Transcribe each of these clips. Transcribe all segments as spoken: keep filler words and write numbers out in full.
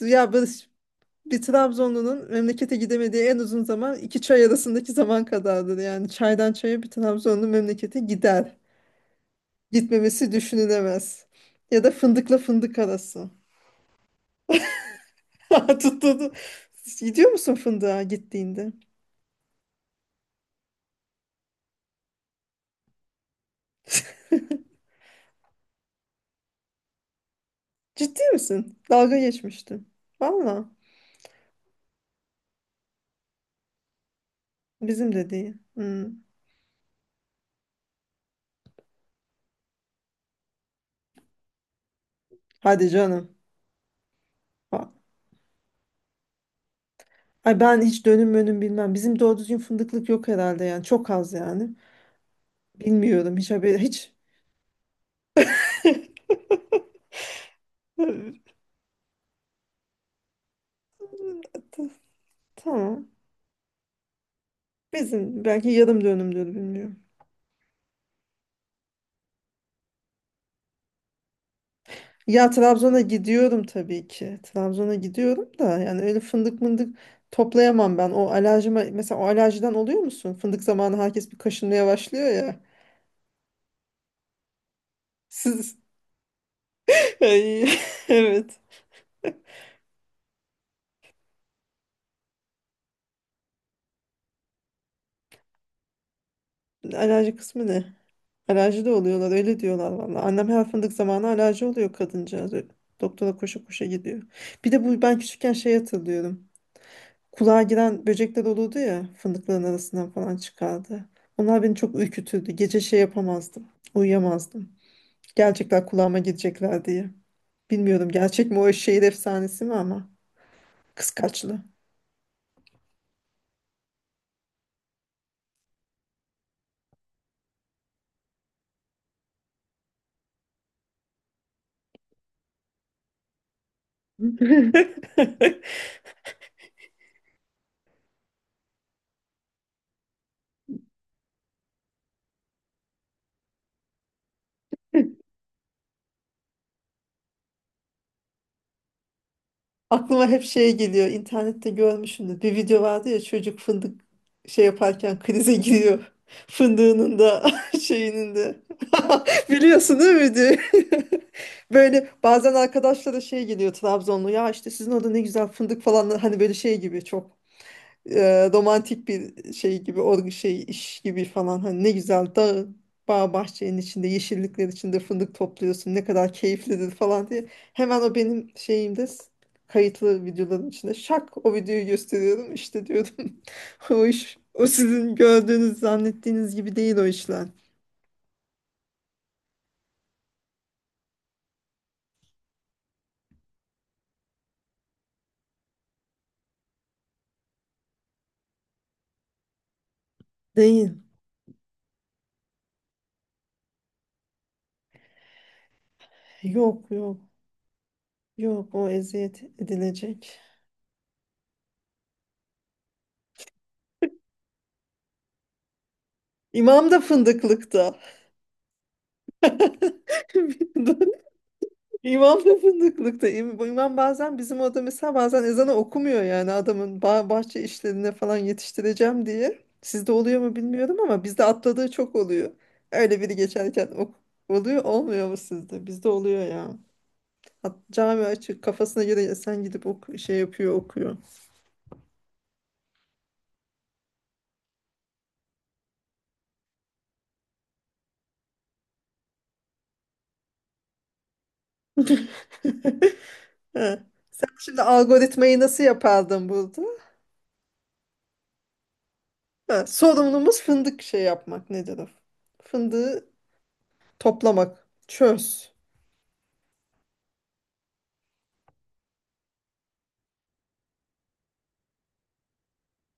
Ya Barış bir Trabzonlu'nun memlekete gidemediği en uzun zaman iki çay arasındaki zaman kadardır. Yani çaydan çaya bir Trabzonlu memlekete gider. Gitmemesi düşünülemez. Ya da fındıkla fındık arası. Tuttuğunu. Gidiyor musun fındığa gittiğinde? Ciddi misin? Dalga geçmiştim. Valla. Bizim de değil. Hmm. Hadi canım. Ha- Ay, ben hiç dönüm önüm bilmem. Bizim doğru düzgün fındıklık yok herhalde yani. Çok az yani. Bilmiyorum, hiç haberi hiç. T- Tamam. Bizim belki yarım dönümdür, bilmiyorum. Ya Trabzon'a gidiyorum tabii ki. Trabzon'a gidiyorum da yani öyle fındık mındık toplayamam ben. O alerjime mesela, o alerjiden oluyor musun? Fındık zamanı herkes bir kaşınmaya başlıyor ya. Siz Ay, evet. Alerji kısmı ne? Alerji de oluyorlar, öyle diyorlar valla. Annem her fındık zamanı alerji oluyor kadıncağız. Öyle doktora koşa koşa gidiyor. Bir de bu, ben küçükken şey hatırlıyorum. Kulağa giren böcekler olurdu ya, fındıkların arasından falan çıkardı. Onlar beni çok ürkütürdü. Gece şey yapamazdım. Uyuyamazdım. Gerçekten kulağıma girecekler diye. Bilmiyorum gerçek mi, o şehir efsanesi mi ama kıskaçlı. Aklıma hep şey geliyor. İnternette görmüşsündür. Bir video vardı ya, çocuk fındık şey yaparken krize giriyor. Fındığının da şeyinin de. Biliyorsun değil mi diye. Böyle bazen arkadaşlara şey geliyor, Trabzonlu. Ya işte sizin orada ne güzel fındık falan. Hani böyle şey gibi, çok e, romantik bir şey gibi, or şey iş gibi falan, hani ne güzel dağ bağ bahçenin içinde, yeşillikler içinde fındık topluyorsun, ne kadar keyiflidir falan diye hemen o benim şeyimde s- kayıtlı videoların içinde şak o videoyu gösteriyorum, işte diyordum, o iş, o sizin gördüğünüz zannettiğiniz gibi değil o işler, değil. Yok, yok, yok, o eziyet edilecek. İmam da fındıklıkta. İmam da fındıklıkta. İm- İmam bazen bizim orada mesela bazen ezanı okumuyor, yani adamın bah bahçe işlerine falan yetiştireceğim diye. Sizde oluyor mu bilmiyorum ama bizde atladığı çok oluyor. Öyle biri geçerken ok oluyor, olmuyor mu sizde? Bizde oluyor ya. Hat cami açık, kafasına göre sen gidip ok şey yapıyor, okuyor. Ha. Sen şimdi algoritmayı nasıl yapardın burada? Ha, sorumlumuz fındık şey yapmak, nedir o? Fındığı toplamak. Çöz.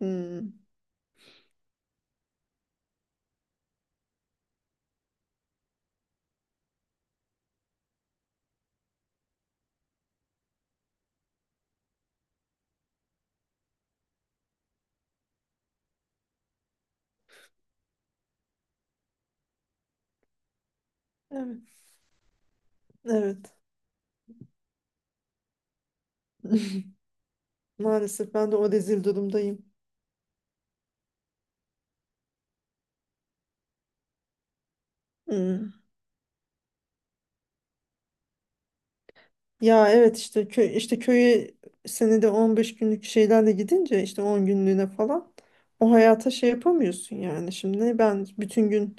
Hmm. Evet, evet. Maalesef ben de o rezil durumdayım. Hmm. Ya evet, işte köy, işte köye senede on beş günlük şeylerle gidince, işte on günlüğüne falan, o hayata şey yapamıyorsun yani. Şimdi ben bütün gün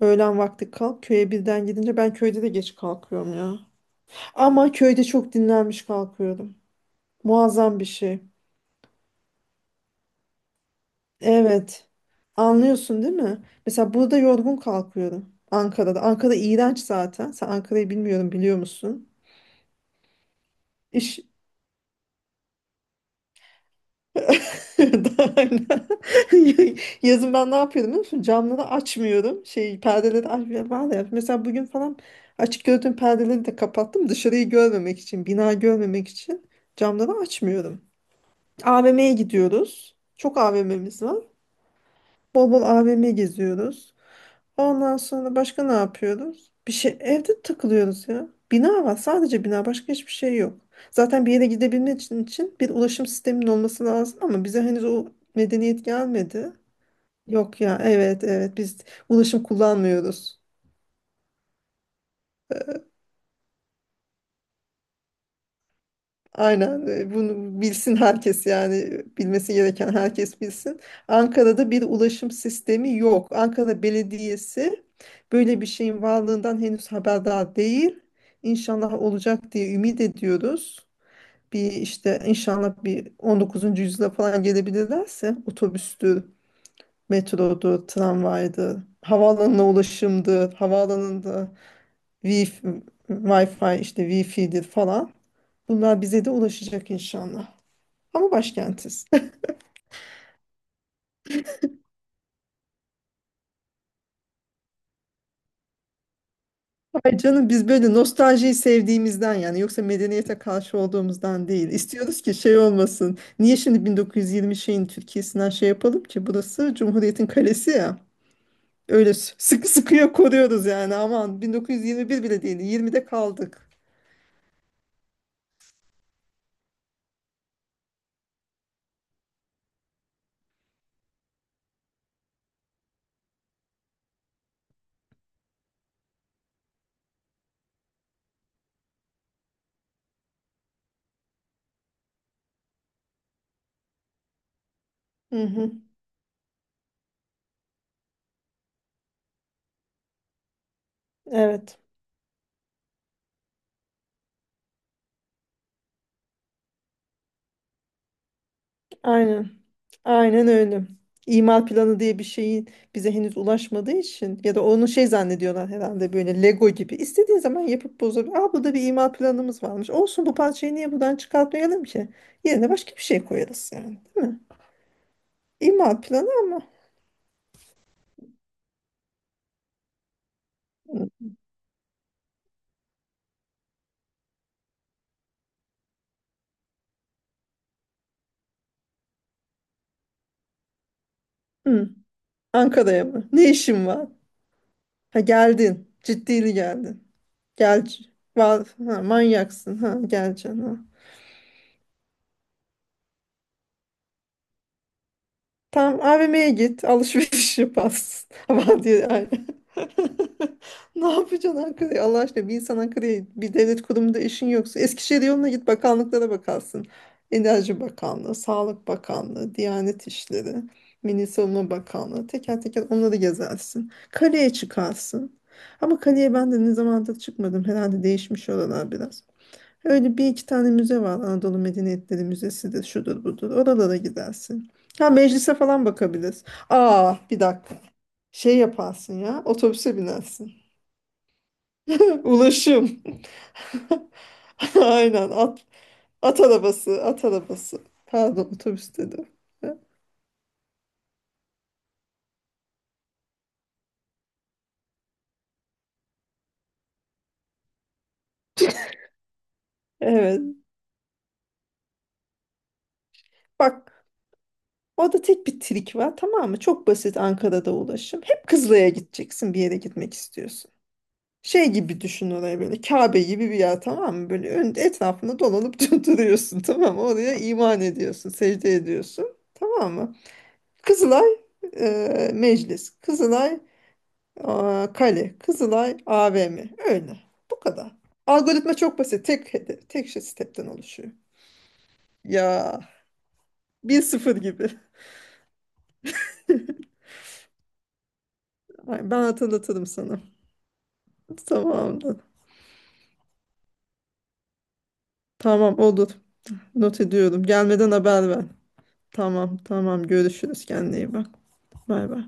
öğlen vakti kalk, köye birden gidince ben köyde de geç kalkıyorum ya. Ama köyde çok dinlenmiş kalkıyorum. Muazzam bir şey. Evet. Anlıyorsun değil mi? Mesela burada yorgun kalkıyorum. Ankara'da. Ankara iğrenç zaten. Sen Ankara'yı bilmiyorum biliyor musun? İş daha hala. Yazın ben ne yapıyordum biliyor musun? Camları açmıyorum. Şey, perdeleri açmıyorum. Ben de yap- mesela bugün falan açık gördüğüm perdeleri de kapattım. Dışarıyı görmemek için, bina görmemek için camları açmıyorum. a v m'ye gidiyoruz. Çok a v m'miz var. Bol bol a v m geziyoruz. Ondan sonra başka ne yapıyoruz? Bir şey, evde takılıyoruz ya. Bina var, sadece bina, başka hiçbir şey yok. Zaten bir yere gidebilmek için, için bir ulaşım sisteminin olması lazım ama bize henüz o medeniyet gelmedi. Yok ya, evet evet, biz ulaşım kullanmıyoruz. Aynen, e, bunu bilsin herkes yani, bilmesi gereken herkes bilsin. Ankara'da bir ulaşım sistemi yok. Ankara Belediyesi böyle bir şeyin varlığından henüz haberdar değil. İnşallah olacak diye ümit ediyoruz. Bir işte inşallah bir on dokuzuncu yüzyıla falan gelebilirlerse, otobüstür, metrodur, tramvaydır, havaalanına ulaşımdır, havaalanında wi Wi-Fi, işte Wi-Fi'dir falan. Bunlar bize de ulaşacak inşallah. Ama başkentiz. Ay canım, biz böyle nostaljiyi sevdiğimizden yani, yoksa medeniyete karşı olduğumuzdan değil. İstiyoruz ki şey olmasın. Niye şimdi bin dokuz yüz yirmi şeyin Türkiye'sinden şey yapalım ki? Burası Cumhuriyet'in kalesi ya. Öyle s- sıkı sıkıya koruyoruz yani. Aman bin dokuz yüz yirmi bir bile değil. yirmide kaldık. Hı hı. Evet. Aynen. Aynen öyle. İmal planı diye bir şeyin bize henüz ulaşmadığı için, ya da onu şey zannediyorlar herhalde, böyle Lego gibi. İstediğin zaman yapıp bozabilir. Aa, burada bir imal planımız varmış. Olsun, bu parçayı niye buradan çıkartmayalım ki? Yerine başka bir şey koyarız yani. Değil mi? İmal planı ama. Hı. Hı. Ankara'ya mı? Ne işin var? Ha, geldin. Ciddili geldin. Gel. Var. Ha, manyaksın. Ha, geleceksin. Ha. Tam A Tamam, a v m'ye git, alışveriş yaparsın. Ama diyor yani. Ne yapacaksın Ankara'ya? Allah aşkına, bir insan Ankara'ya bir devlet kurumunda işin yoksa, Eskişehir yoluna git bakanlıklara bakarsın. Enerji Bakanlığı, Sağlık Bakanlığı, Diyanet İşleri, Milli Savunma Bakanlığı, teker teker onları gezersin. Kaleye çıkarsın. Ama kaleye ben de ne zamandır çıkmadım. Herhalde değişmiş oralar biraz. Öyle bir iki tane müze var. Anadolu Medeniyetleri Müzesi'dir, şudur budur. Oralara gidersin. Ha, meclise falan bakabiliriz. Aa, bir dakika. Şey yaparsın ya. Otobüse binersin. Ulaşım. Aynen, at, at arabası, at arabası. Pardon, otobüs dedim. Evet. Bak, orada tek bir trik var, tamam mı? Çok basit Ankara'da ulaşım. Hep Kızılay'a gideceksin, bir yere gitmek istiyorsun. Şey gibi düşün orayı, böyle Kabe gibi bir yer, tamam mı? Böyle ön, etrafında dolanıp duruyorsun, tamam mı? Oraya iman ediyorsun, secde ediyorsun, tamam mı? Kızılay e, meclis, Kızılay e, kale, Kızılay a v m, öyle. Bu kadar. Algoritma çok basit. Tek hedef, tek şey stepten oluşuyor. Ya bir sıfır gibi. Ay, ben hatırlatırım sana. Tamamdır. Tamam, olur. Not ediyorum. Gelmeden haber ver. Tamam tamam, görüşürüz. Kendine iyi bak. Bay bay.